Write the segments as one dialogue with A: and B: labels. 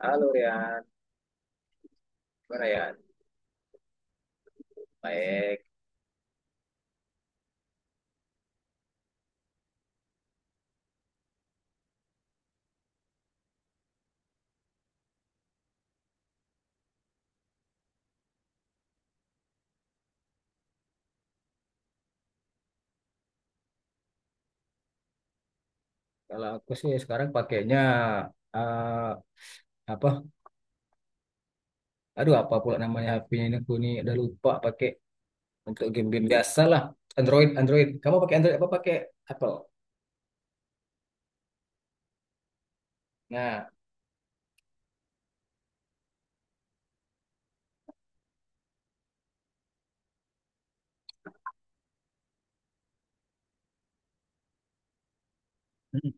A: Halo Rian, gimana Rian? Baik. Kalau aku sih sekarang pakainya eh, apa? Aduh apa pula namanya HP-nya ini aku nih udah lupa pakai untuk game-game biasa lah. Android, Android. Kamu pakai Android apa pakai Apple? Nah. Hmm.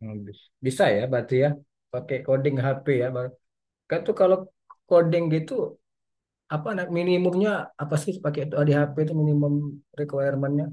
A: bisa ya berarti ya pakai coding HP ya. Baru. Kan tuh kalau coding gitu apa nah, minimumnya apa sih pakai itu di HP itu minimum requirement-nya?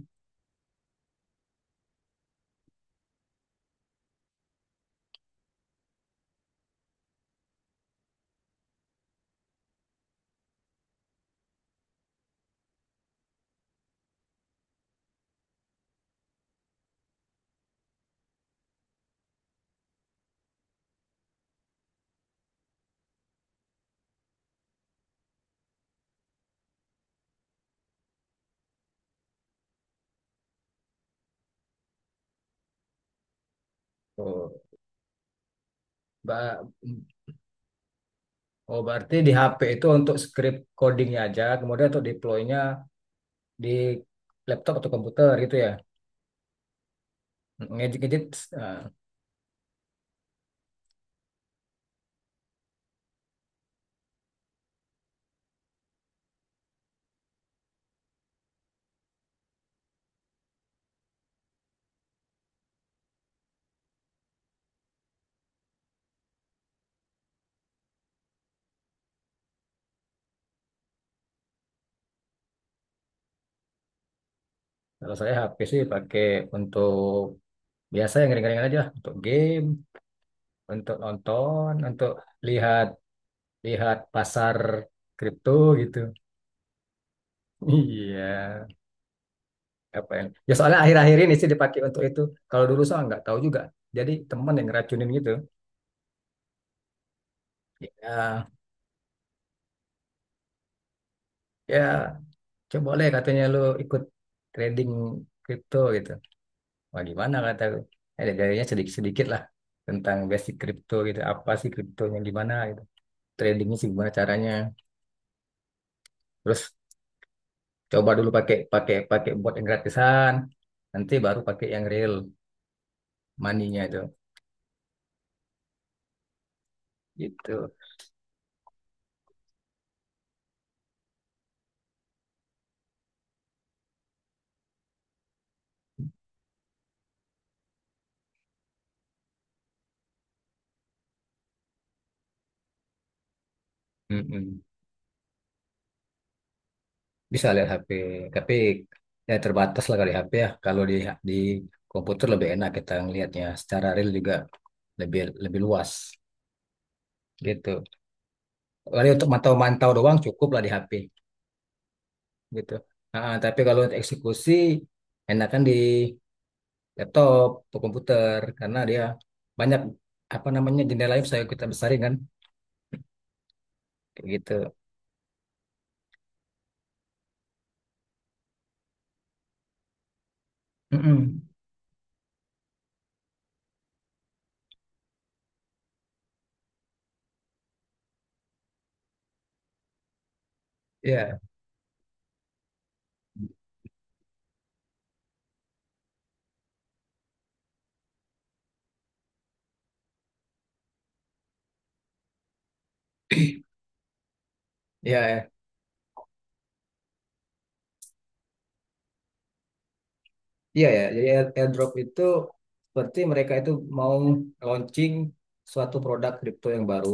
A: Oh, Mbak. Oh, berarti di HP itu untuk script codingnya aja, kemudian untuk deploy-nya di laptop atau komputer gitu ya. Ngedit-ngedit, nah, kalau saya HP sih pakai untuk biasa yang ringan-ringan aja, untuk game, untuk nonton, untuk lihat lihat pasar kripto gitu. Iya, apa yang? Ya soalnya akhir-akhir ini sih dipakai untuk itu. Kalau dulu saya nggak tahu juga. Jadi teman yang ngeracunin gitu. Ya, ya, coba boleh katanya lu ikut trading kripto gitu. Wah gimana kata gue. Eh, jadinya sedikit-sedikit lah tentang basic kripto gitu. Apa sih kriptonya gimana gitu. Tradingnya sih gimana caranya. Terus coba dulu pakai pakai pakai buat yang gratisan. Nanti baru pakai yang real money-nya itu. Gitu. Mm-mm. Bisa lihat HP. Tapi ya terbatas lah kali HP ya. Kalau di komputer lebih enak kita ngelihatnya. Secara real juga lebih lebih luas gitu. Paling untuk mantau-mantau doang cukup lah di HP gitu. Ah, tapi kalau untuk eksekusi enakan di laptop atau komputer karena dia banyak apa namanya jendela yang bisa kita besarin kan kayak gitu. Mm-mm. Iya, iya, iya, ya. Jadi airdrop itu seperti mereka itu mau launching suatu produk kripto yang baru.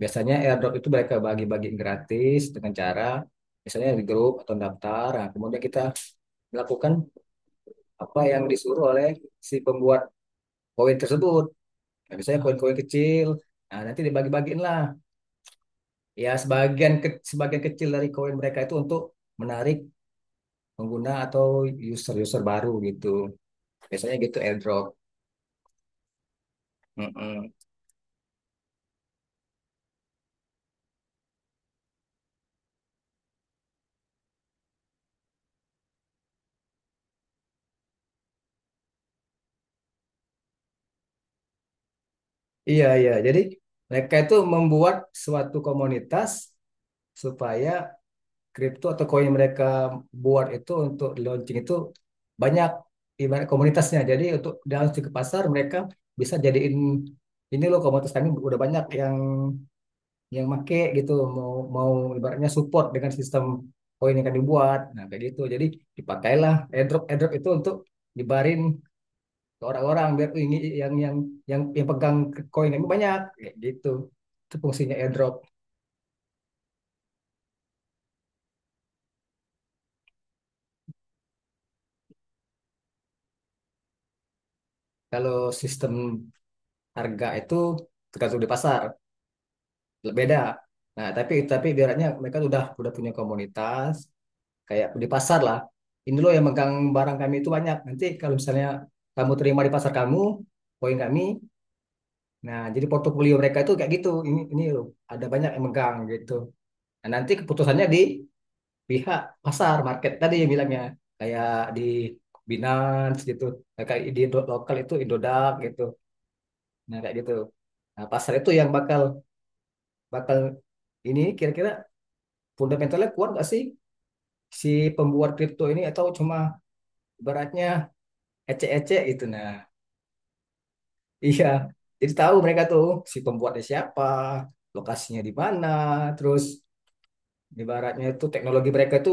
A: Biasanya airdrop itu mereka bagi-bagi gratis dengan cara misalnya di grup atau daftar. Nah, kemudian kita melakukan apa yang disuruh oleh si pembuat koin tersebut. Nah, misalnya koin-koin kecil, nah nanti dibagi-bagiin lah. Ya sebagian kecil dari koin mereka itu untuk menarik pengguna atau user-user baru gitu. Biasanya gitu airdrop. Mm-mm. Iya, iya. Jadi mereka itu membuat suatu komunitas supaya kripto atau koin yang mereka buat itu untuk launching itu banyak ibarat komunitasnya. Jadi untuk di launching ke pasar mereka bisa jadiin ini loh komunitas kami udah banyak yang make gitu, mau mau ibaratnya support dengan sistem koin yang kami buat. Nah, kayak gitu. Jadi dipakailah airdrop airdrop itu untuk dibarin ke orang-orang biar ini yang yang yang pegang koin kami banyak kayak gitu. Itu fungsinya airdrop. Kalau sistem harga itu tergantung di pasar. Beda. Nah, tapi ibaratnya mereka udah punya komunitas kayak di pasar lah. Ini loh yang megang barang kami itu banyak. Nanti kalau misalnya kamu terima di pasar kamu, poin kami. Nah, jadi portofolio mereka itu kayak gitu. Ini loh, ada banyak yang megang gitu. Nah, nanti keputusannya di pihak pasar market tadi yang bilangnya kayak di Binance gitu. Nah, kayak di lokal itu Indodax gitu. Nah, kayak gitu. Nah, pasar itu yang bakal bakal ini kira-kira fundamentalnya kuat nggak sih si pembuat kripto ini atau cuma ibaratnya ecek-ecek gitu, nah. Iya, jadi tahu mereka tuh si pembuatnya siapa, lokasinya di mana, terus ibaratnya itu teknologi mereka itu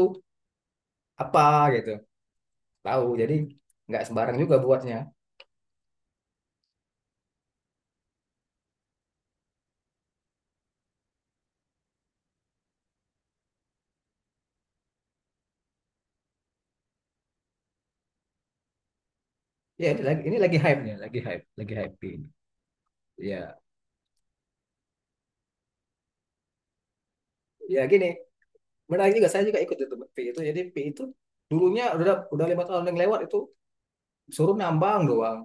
A: apa gitu tahu. Jadi nggak sembarang juga buatnya. Ya, ini lagi hype nya, lagi hype, lagi hype ini. Ya, ya, gini, menarik juga, saya juga ikut itu p itu. Jadi p itu dulunya udah 5 tahun yang lewat itu suruh nambang doang.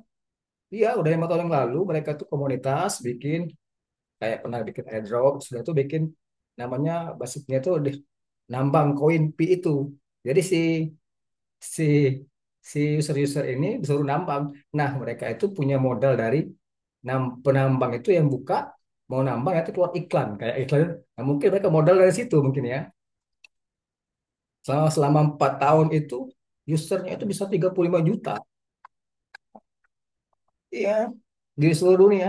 A: Iya, udah 5 tahun yang lalu mereka tuh komunitas bikin kayak pernah bikin airdrop, sudah tuh bikin namanya basicnya tuh nambang koin P itu. Jadi si si si user-user ini disuruh nambang. Nah, mereka itu punya modal dari penambang itu yang buka mau nambang nanti keluar iklan kayak iklan. Nah, mungkin mereka modal dari situ mungkin ya. Selama selama 4 tahun itu usernya itu bisa 35 juta. Iya, di seluruh dunia.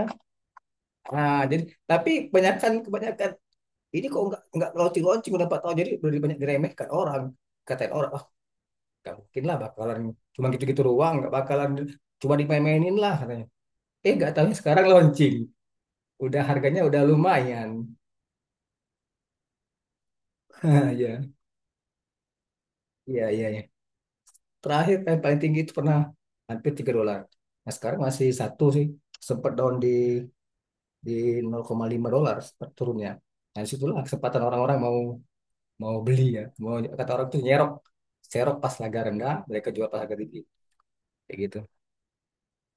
A: Nah, jadi tapi kebanyakan kebanyakan ini kok nggak launching-launching udah 4 tahun, jadi lebih banyak diremehkan orang, katain orang, wah nggak mungkin lah bakalan cuma gitu-gitu doang, nggak bakalan, cuma dimain-mainin lah katanya. Eh nggak tahunya sekarang launching, udah harganya udah lumayan. Ah, ya, iya, iya, iya. Terakhir yang paling tinggi itu pernah hampir 3 dolar, nah sekarang masih satu sih. Sempat down di di 0,5 dolar sempat turunnya. Nah disitulah kesempatan orang-orang mau mau beli, ya mau, kata orang tuh nyerok, serok pas harga rendah mereka jual pas harga tinggi kayak gitu.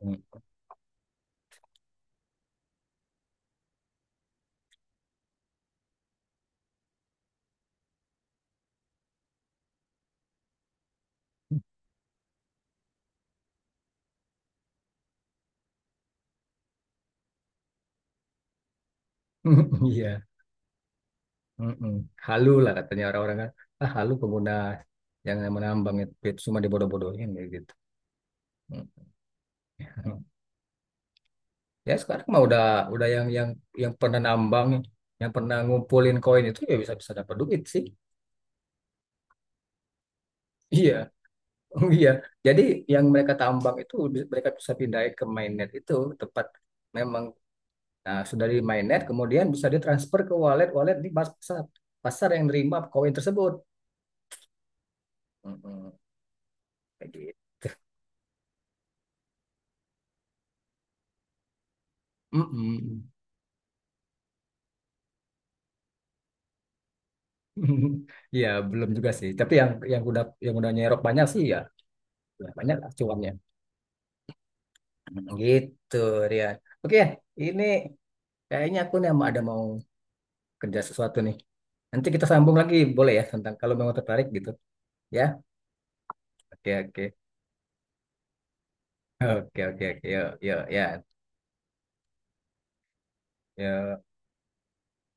A: Mm. Iya. Mm-mm. Halu lah katanya orang-orang kan. Ah, halu pengguna yang menambang itu cuma dibodoh-bodohin kayak gitu. Mm. Ya sekarang mah udah yang yang pernah nambang, yang pernah ngumpulin koin itu ya bisa-bisa dapat duit sih. Iya, iya. Jadi yang mereka tambang itu mereka bisa pindahin ke mainnet itu tempat memang. Nah, sudah di mainnet kemudian bisa ditransfer ke wallet-wallet di pasar pasar yang nerima koin tersebut. Mm-mm. Kayak gitu. Mm-mm. Ya belum juga sih. Tapi yang udah nyerok banyak sih ya, ya banyak lah cuannya. Gitu, Rian. Oke, ini kayaknya aku nih ada mau kerja sesuatu nih. Nanti kita sambung lagi boleh ya tentang kalau memang tertarik gitu, ya. Oke, oke. Oke, oke, oke. Yuk, yuk, ya. Yuk.